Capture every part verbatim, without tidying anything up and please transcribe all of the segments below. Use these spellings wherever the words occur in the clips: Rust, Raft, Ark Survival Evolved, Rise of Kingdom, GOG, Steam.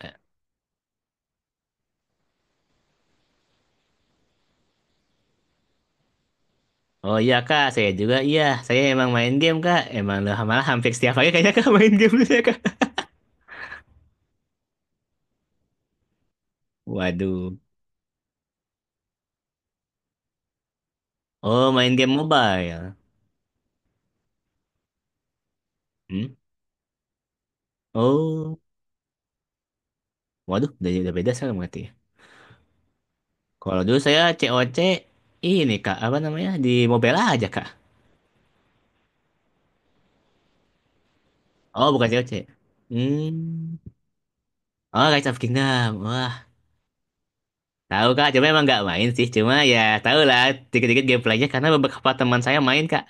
Eh, Oh iya kak, saya juga iya. Saya emang main game kak. Emang lah malah hampir setiap hari kayaknya kak main game saya kak. Waduh. Oh main game mobile. Hmm? Oh, waduh udah, udah beda saya berarti. Ya. Kalau dulu saya C O C ini kak apa namanya di mobile aja kak. Oh bukan C O C. Hmm. Oh Rise of Kingdom. Wah tahu kak. Cuma emang nggak main sih. Cuma ya tahu lah dikit-dikit gameplaynya karena beberapa teman saya main kak.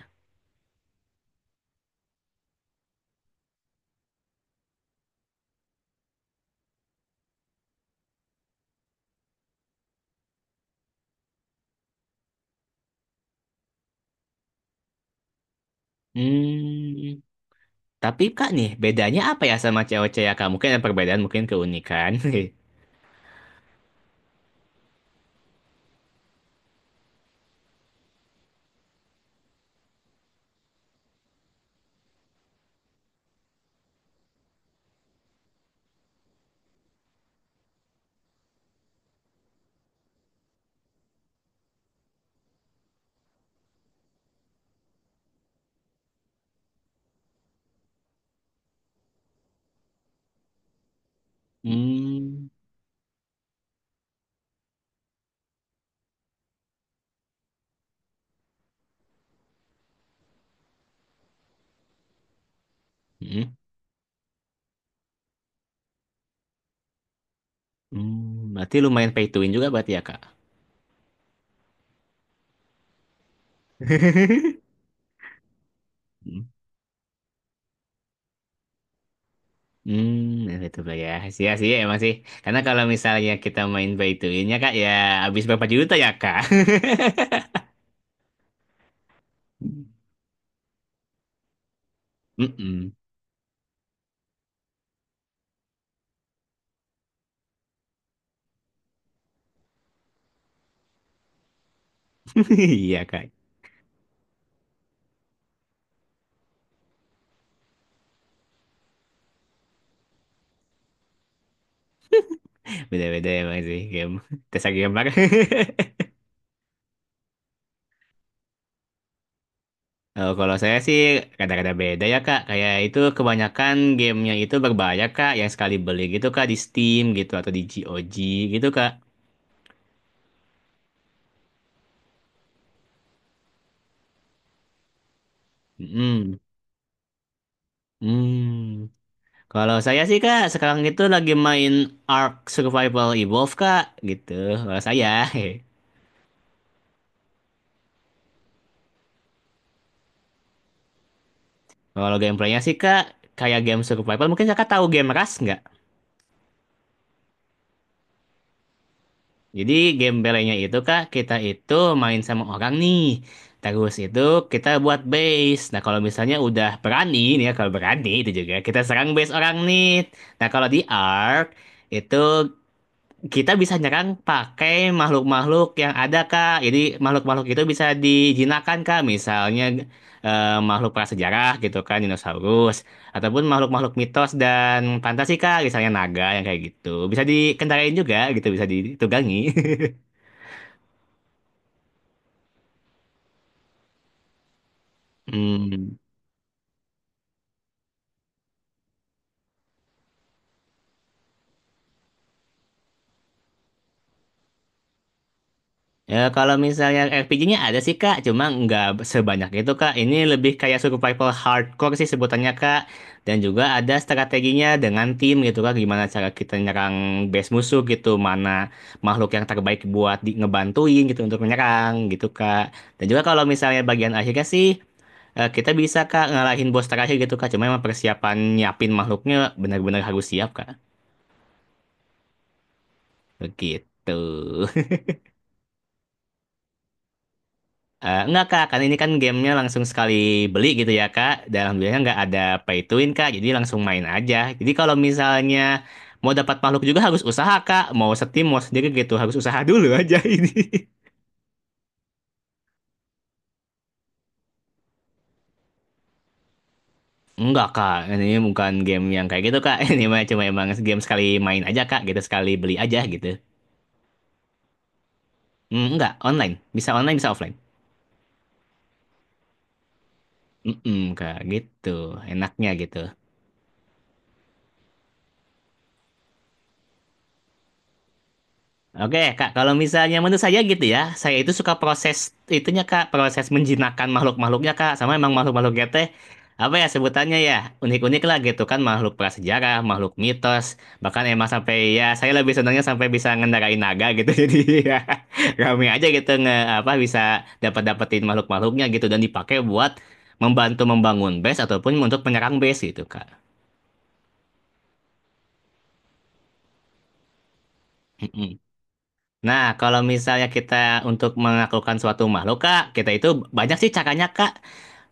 Hmm. Tapi Kak nih, bedanya apa ya sama cewek-cewek ya, Kak? Mungkin ada perbedaan, mungkin keunikan. Hmm. Hmm. Hmm. Berarti lumayan pay to win juga berarti ya, Kak? Hmm. Hmm, nah, itu ya. Sih, sih, emang sih. Karena kalau misalnya kita main pay to win-nya, Kak, ya habis berapa juta ya, Kak? Mm-mm. Iya, Kak. Beda-beda emang sih game. Tesa gambar. Eh, kalau saya sih kadang-kadang beda ya Kak. Kayak itu kebanyakan gamenya itu berbayar Kak. Yang sekali beli gitu Kak di Steam gitu atau di G O G gitu Kak. mm Hmm. Kalau saya sih Kak sekarang itu lagi main Ark Survival Evolved Kak gitu. Kalau saya. Kalau gameplaynya sih Kak kayak game survival mungkin Kakak tahu game Rust nggak? Jadi game belenya itu kak kita itu main sama orang nih. Terus itu kita buat base. Nah kalau misalnya udah berani nih ya kalau berani itu juga kita serang base orang nih. Nah kalau di Ark itu kita bisa nyerang pakai makhluk-makhluk yang ada kak. Jadi makhluk-makhluk itu bisa dijinakan kak. Misalnya eh, makhluk prasejarah gitu kan dinosaurus ataupun makhluk-makhluk mitos dan fantasi kak. Misalnya naga yang kayak gitu. Bisa dikendarain juga gitu bisa ditunggangi. Hmm. Ya kalau misalnya R P G-nya ada sih Kak, cuma nggak sebanyak itu Kak. Ini lebih kayak survival hardcore sih sebutannya Kak. Dan juga ada strateginya dengan tim gitu Kak, gimana cara kita nyerang base musuh gitu, mana makhluk yang terbaik buat di ngebantuin gitu untuk menyerang gitu Kak. Dan juga kalau misalnya bagian akhirnya sih eh, kita bisa Kak ngalahin bos terakhir gitu Kak. Cuma emang persiapan nyiapin makhluknya benar-benar harus siap Kak. Begitu. Eee, enggak, Kak, kan ini kan gamenya langsung sekali beli gitu ya, Kak, dan alhamdulillahnya nggak ada pay to win, Kak, jadi langsung main aja. Jadi kalau misalnya mau dapat makhluk juga harus usaha, Kak, mau setim, mau sendiri gitu, harus usaha dulu aja ini. Enggak, Kak, ini bukan game yang kayak gitu, Kak, ini mah cuma emang game sekali main aja, Kak, gitu, sekali beli aja gitu. Mmm, enggak, online, bisa online, bisa offline. Mhm, Kak, gitu, enaknya gitu. Oke, Kak, kalau misalnya menurut saya gitu ya, saya itu suka proses itunya, Kak, proses menjinakkan makhluk-makhluknya, Kak, sama emang makhluk-makhluknya teh apa ya sebutannya ya, unik-unik lah gitu kan, makhluk prasejarah, makhluk mitos, bahkan emang sampai ya saya lebih senangnya sampai bisa ngendarain naga gitu. Jadi ya rame aja gitu nge apa bisa dapat-dapetin makhluk-makhluknya gitu dan dipakai buat membantu membangun base ataupun untuk menyerang base gitu, Kak. Nah, kalau misalnya kita untuk menaklukkan suatu makhluk, Kak, kita itu banyak sih caranya, Kak.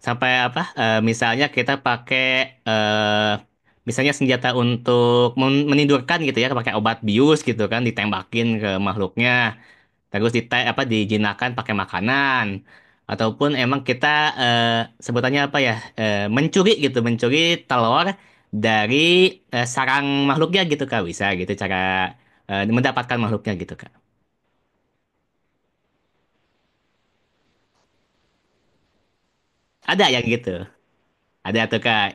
Sampai apa? eh, misalnya kita pakai eh misalnya senjata untuk men- menidurkan gitu ya, pakai obat bius gitu kan, ditembakin ke makhluknya. Terus dite apa dijinakan pakai makanan. Ataupun emang kita eh, sebutannya apa ya? eh, mencuri gitu, mencuri telur dari eh, sarang makhluknya gitu, Kak. Bisa gitu cara eh, mendapatkan makhluknya gitu, Kak. Ada yang gitu. Ada tuh Kak.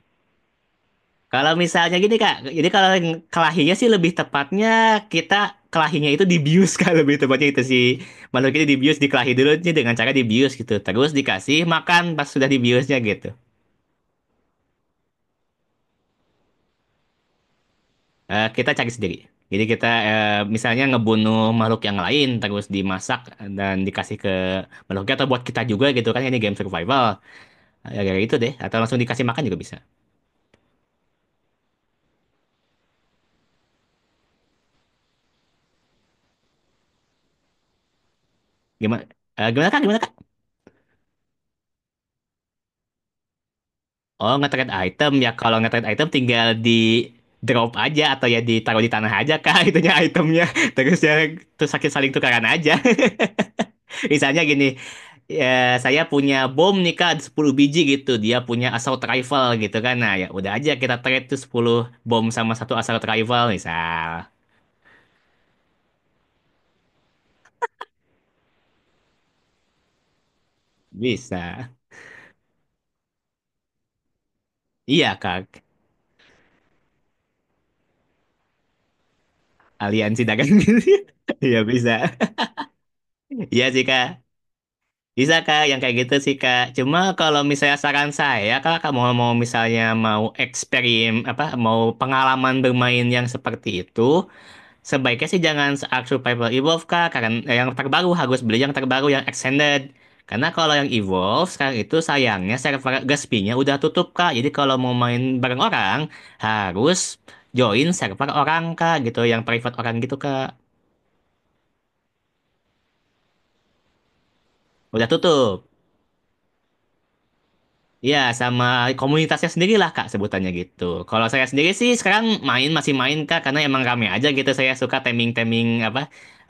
Kalau misalnya gini Kak, jadi kalau yang kelahinya sih lebih tepatnya kita kelahinya itu dibius Kak, lebih tepatnya itu sih. Makhluk itu dibius, dikelahi dulu nih dengan cara dibius gitu. Terus dikasih makan pas sudah dibiusnya gitu. Eh, kita cari sendiri. Jadi kita eh, misalnya ngebunuh makhluk yang lain terus dimasak dan dikasih ke makhluknya atau buat kita juga gitu kan ini game survival. Ya kayak gitu deh atau langsung dikasih makan juga bisa. Gimana eh, gimana Kak? Gimana Kak? Oh, nge-trade item ya. Kalau nge-trade item tinggal di drop aja atau ya ditaruh di tanah aja kak itunya itemnya. Terus ya terus sakit saling tukaran aja. Misalnya gini, ya, saya punya bom nih kak sepuluh biji gitu. Dia punya assault rifle gitu kan. Nah, ya udah aja kita trade tuh sepuluh bom sama satu assault rifle misal. Bisa. Iya kak. Aliansi dagang. Iya bisa. Iya sih kak. Bisa kak, yang kayak gitu sih kak. Cuma kalau misalnya saran saya, kak, kamu mau misalnya mau eksperimen apa, mau pengalaman bermain yang seperti itu, sebaiknya sih jangan Ark Survival Evolve kak, karena eh, yang terbaru harus beli yang terbaru yang extended. Karena kalau yang Evolve sekarang itu sayangnya server Gaspinya udah tutup kak. Jadi kalau mau main bareng orang harus join server orang kak, gitu, yang private orang gitu kak. Udah tutup. Ya, sama komunitasnya sendiri lah Kak sebutannya gitu. Kalau saya sendiri sih sekarang main masih main Kak karena emang rame aja gitu. Saya suka teming-teming apa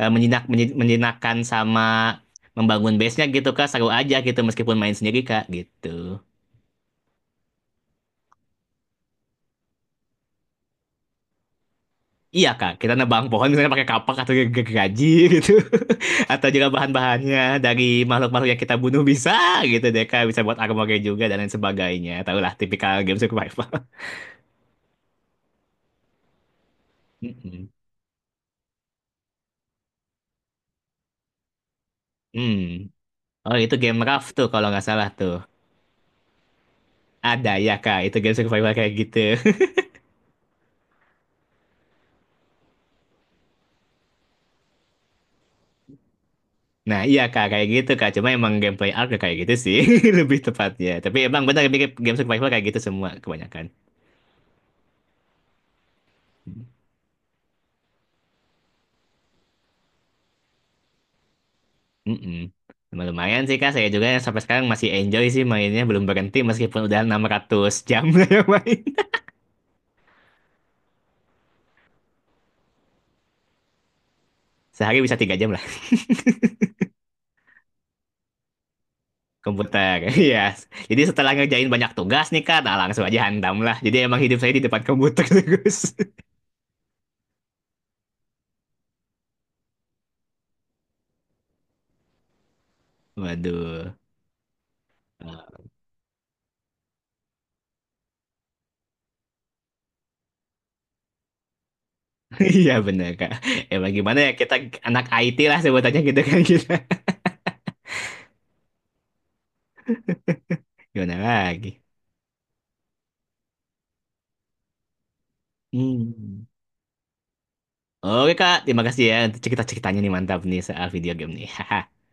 eh, menjinak menji- menjinakkan sama membangun base-nya gitu Kak. Seru aja gitu meskipun main sendiri Kak gitu. Iya Kak, kita nebang pohon misalnya pakai kapak atau ge- ge- gergaji gitu. Atau juga bahan-bahannya dari makhluk-makhluk yang kita bunuh bisa gitu deh Kak. Bisa buat armor juga dan lain sebagainya. Tahulah tipikal game survival. Mm-mm. Hmm. Oh, itu game Raft tuh kalau nggak salah tuh. Ada ya, Kak. Itu game survival kayak gitu. Nah, iya, Kak. Kayak gitu, Kak. Cuma emang gameplay arc kayak gitu sih. Lebih tepatnya. Tapi emang benar mirip game survival kayak gitu semua kebanyakan. Mm-mm. Cuma Lumayan sih, Kak. Saya juga yang sampai sekarang masih enjoy sih mainnya. Belum berhenti meskipun udah enam ratus jam lah main. Sehari bisa tiga jam lah. Komputer. Iya. Jadi setelah ngerjain banyak tugas nih, Kak. Nah, langsung aja hantam lah. Jadi emang hidup saya di depan komputer terus. Waduh. Iya bener Kak. Ya bagaimana ya kita anak I T lah sebutannya gitu kan kita. Gimana lagi? Hmm. Oke Kak, terima kasih ya untuk cerita-ceritanya nih mantap nih soal video game nih.